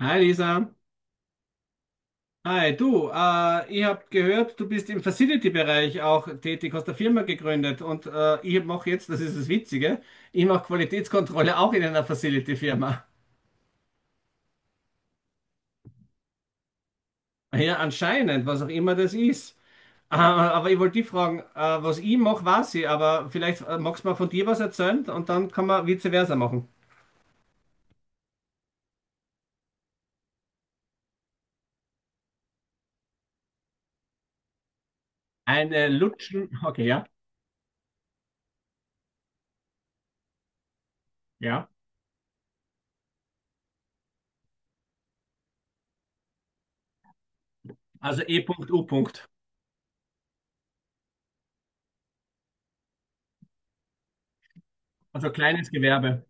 Hi Lisa. Hi, du, ich habe gehört, du bist im Facility-Bereich auch tätig, hast eine Firma gegründet und ich mache jetzt, das ist das Witzige, ich mache Qualitätskontrolle auch in einer Facility-Firma. Ja, anscheinend, was auch immer das ist. Aber ich wollte dich fragen, was ich mache, weiß ich, aber vielleicht magst du mal von dir was erzählen und dann kann man vice versa machen. Eine Lutschen, okay, ja, ja. Also E.U. Also kleines Gewerbe.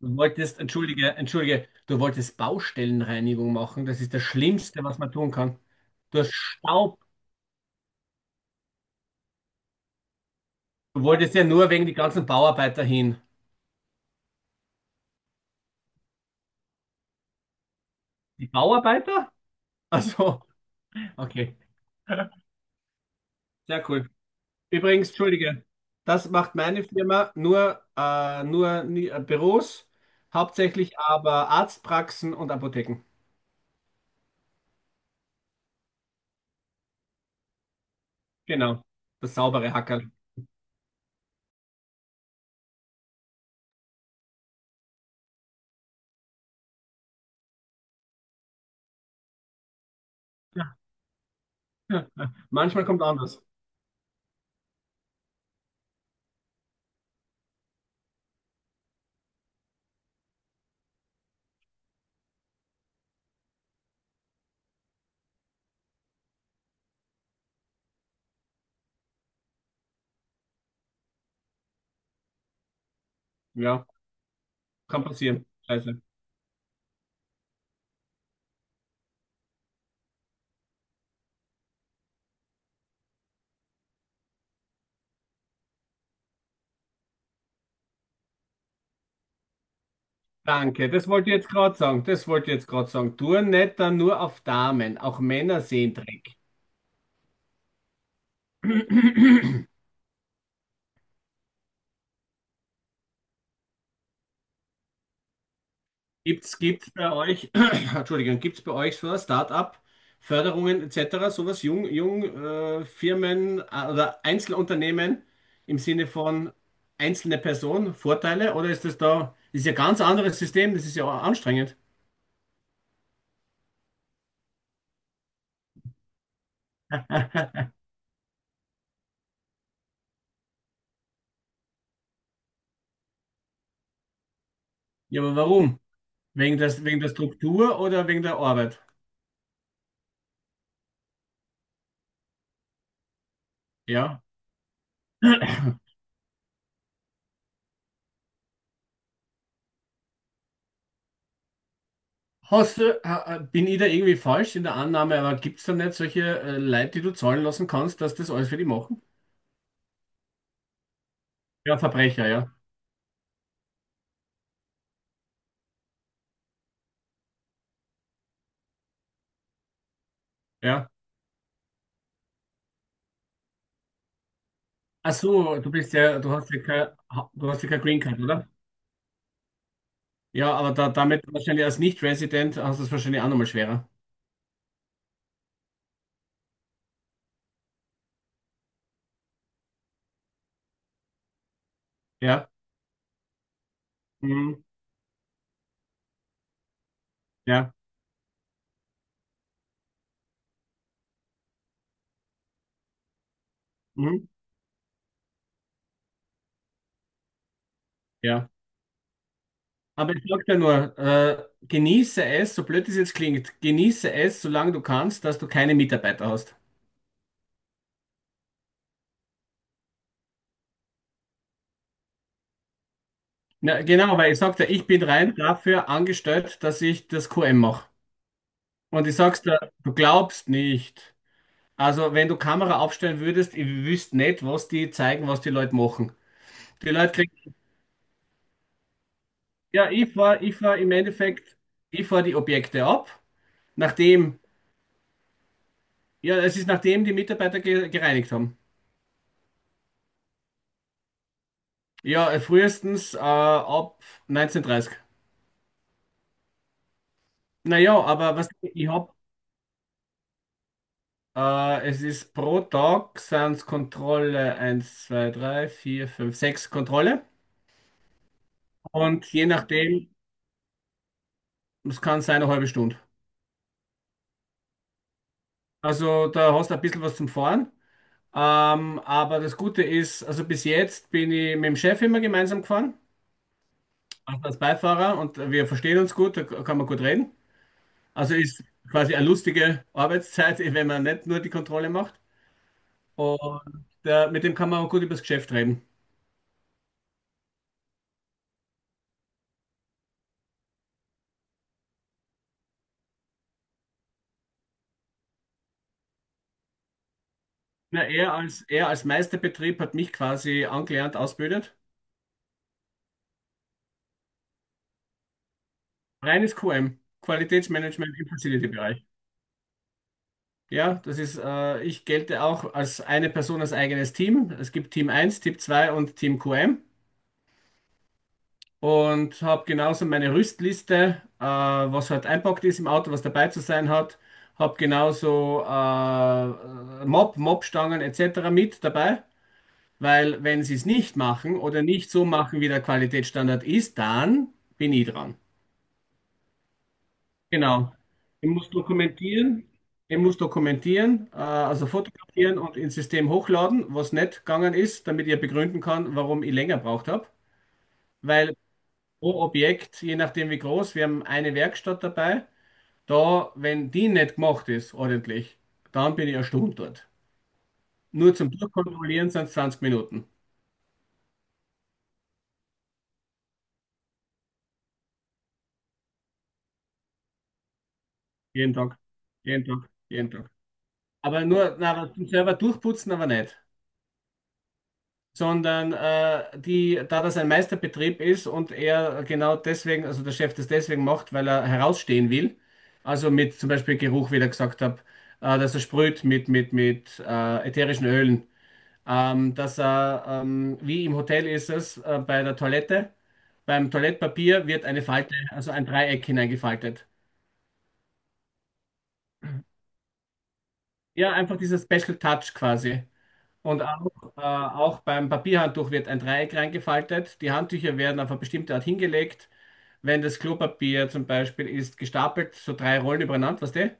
Du wolltest, entschuldige, entschuldige, du wolltest Baustellenreinigung machen. Das ist das Schlimmste, was man tun kann. Du hast Staub. Du wolltest ja nur wegen die ganzen Bauarbeiter hin. Die Bauarbeiter? Also, okay, sehr cool. Übrigens, entschuldige, das macht meine Firma nur, Büros, hauptsächlich aber Arztpraxen und Apotheken. Genau, das saubere Hackerl. Manchmal kommt anders. Ja, kann passieren. Scheiße. Danke, das wollte ich jetzt gerade sagen. Das wollte ich jetzt gerade sagen. Touren nicht dann nur auf Damen, auch Männer sehen Dreck. Gibt's bei euch, Entschuldigung, gibt's bei euch so ein Start-up, Förderungen etc., sowas, Firmen oder Einzelunternehmen im Sinne von einzelne Person, Vorteile? Oder ist das da, das ist ja ein ganz anderes System, das ist ja auch anstrengend. Ja, aber warum? Wegen der Struktur oder wegen der Arbeit? Ja. Bin ich da irgendwie falsch in der Annahme, aber gibt es da nicht solche Leute, die du zahlen lassen kannst, dass das alles für die machen? Ja, Verbrecher, ja. Ja. Ach so, du bist ja, du hast ja kein Green Card, oder? Ja, aber da, damit wahrscheinlich als Nicht-Resident hast du es wahrscheinlich auch nochmal schwerer. Ja. Mhm. Ja. Mhm. Ja. Aber ich sag dir nur, genieße es, so blöd es jetzt klingt, genieße es, solange du kannst, dass du keine Mitarbeiter hast. Na, genau, weil ich sagte, ich bin rein dafür angestellt, dass ich das QM mache. Und ich sag's dir, du glaubst nicht. Also, wenn du Kamera aufstellen würdest, ich wüsste nicht, was die zeigen, was die Leute machen. Die Leute kriegen, ja, ich fahr im Endeffekt, ich fahr die Objekte ab, nachdem, ja, es ist nachdem die Mitarbeiter ge gereinigt haben. Ja, frühestens ab 19:30. Naja, aber was ich hab, es ist pro Tag sind's Kontrolle eins, 2, 3, 4, 5, 6 Kontrolle. Und je nachdem, es kann sein eine halbe Stunde. Also da hast du ein bisschen was zum Fahren. Aber das Gute ist, also bis jetzt bin ich mit dem Chef immer gemeinsam gefahren, also als Beifahrer und wir verstehen uns gut, da kann man gut reden. Also ist quasi eine lustige Arbeitszeit, wenn man nicht nur die Kontrolle macht. Und mit dem kann man auch gut über das Geschäft reden. Na, er als Meisterbetrieb hat mich quasi angelernt, ausgebildet. Reines QM, Qualitätsmanagement im Facility-Bereich. Ja, das ist, ich gelte auch als eine Person als eigenes Team. Es gibt Team eins, Team 2 und Team QM und habe genauso meine Rüstliste, was halt einpackt ist im Auto, was dabei zu sein hat. Habe genauso Mobstangen etc. mit dabei, weil wenn sie es nicht machen oder nicht so machen, wie der Qualitätsstandard ist, dann bin ich dran. Genau. Er muss dokumentieren, er muss dokumentieren, also fotografieren und ins System hochladen, was nicht gegangen ist, damit ich ja begründen kann, warum ich länger braucht habe. Weil pro Objekt, je nachdem wie groß, wir haben eine Werkstatt dabei, da, wenn die nicht gemacht ist, ordentlich, dann bin ich eine Stunde dort. Nur zum Durchkontrollieren sind es 20 Minuten. Jeden Tag, jeden Tag. Aber nur, na, aber zum selber durchputzen aber nicht. Sondern da das ein Meisterbetrieb ist und er genau deswegen, also der Chef das deswegen macht, weil er herausstehen will, also mit zum Beispiel Geruch, wie ich da gesagt habe, dass er sprüht mit ätherischen Ölen, dass er, wie im Hotel ist es, bei der Toilette, beim Toilettpapier wird eine Falte, also ein Dreieck hineingefaltet. Ja, einfach dieser Special Touch quasi. Und auch, auch beim Papierhandtuch wird ein Dreieck reingefaltet. Die Handtücher werden auf eine bestimmte Art hingelegt. Wenn das Klopapier zum Beispiel ist gestapelt, so drei Rollen übereinander, weißt du?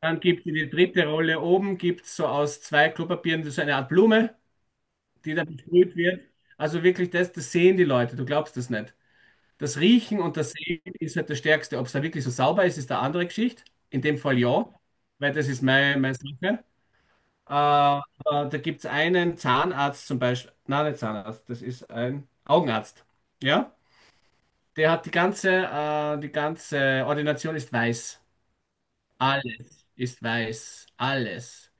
Dann gibt es die dritte Rolle oben, gibt es so aus zwei Klopapieren so eine Art Blume, die dann besprüht wird. Also wirklich das, das sehen die Leute, du glaubst das nicht. Das Riechen und das Sehen ist halt das Stärkste. Ob es da wirklich so sauber ist, ist eine andere Geschichte. In dem Fall ja, weil das ist meine, meine Sache. Äh, Da gibt es einen Zahnarzt zum Beispiel, nein, nicht Zahnarzt, das ist ein Augenarzt. Ja? Der hat die ganze Ordination ist weiß. Alles ist weiß. Alles.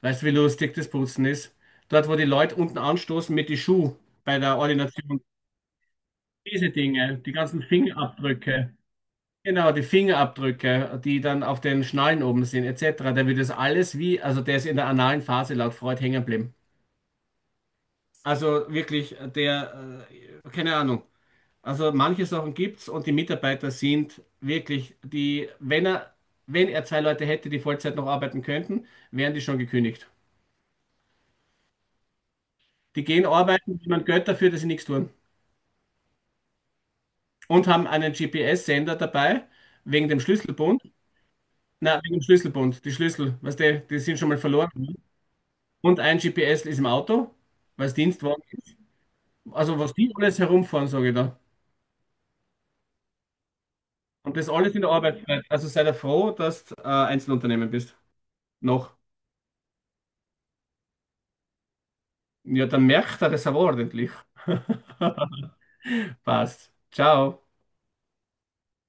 Weißt du, wie lustig das Putzen ist? Dort, wo die Leute unten anstoßen mit die Schuh bei der Ordination. Diese Dinge, die ganzen Fingerabdrücke. Genau, die Fingerabdrücke, die dann auf den Schnallen oben sind, etc. Der wird das alles wie, also der ist in der analen Phase laut Freud hängen geblieben. Also wirklich, keine Ahnung. Also manche Sachen gibt's und die Mitarbeiter sind wirklich die, wenn er, wenn er zwei Leute hätte, die Vollzeit noch arbeiten könnten, wären die schon gekündigt. Die gehen arbeiten, wie man Geld dafür, dass sie nichts tun. Und haben einen GPS-Sender dabei, wegen dem Schlüsselbund. Na, wegen dem Schlüsselbund, die Schlüssel, weißt du, die sind schon mal verloren. Und ein GPS ist im Auto, weil es Dienstwagen ist. Also was die alles herumfahren, sage ich da. Und das alles in der Arbeitszeit. Also sei da froh, dass du Einzelunternehmen bist. Noch. Ja, dann merkt er das aber ordentlich. Passt. Ciao.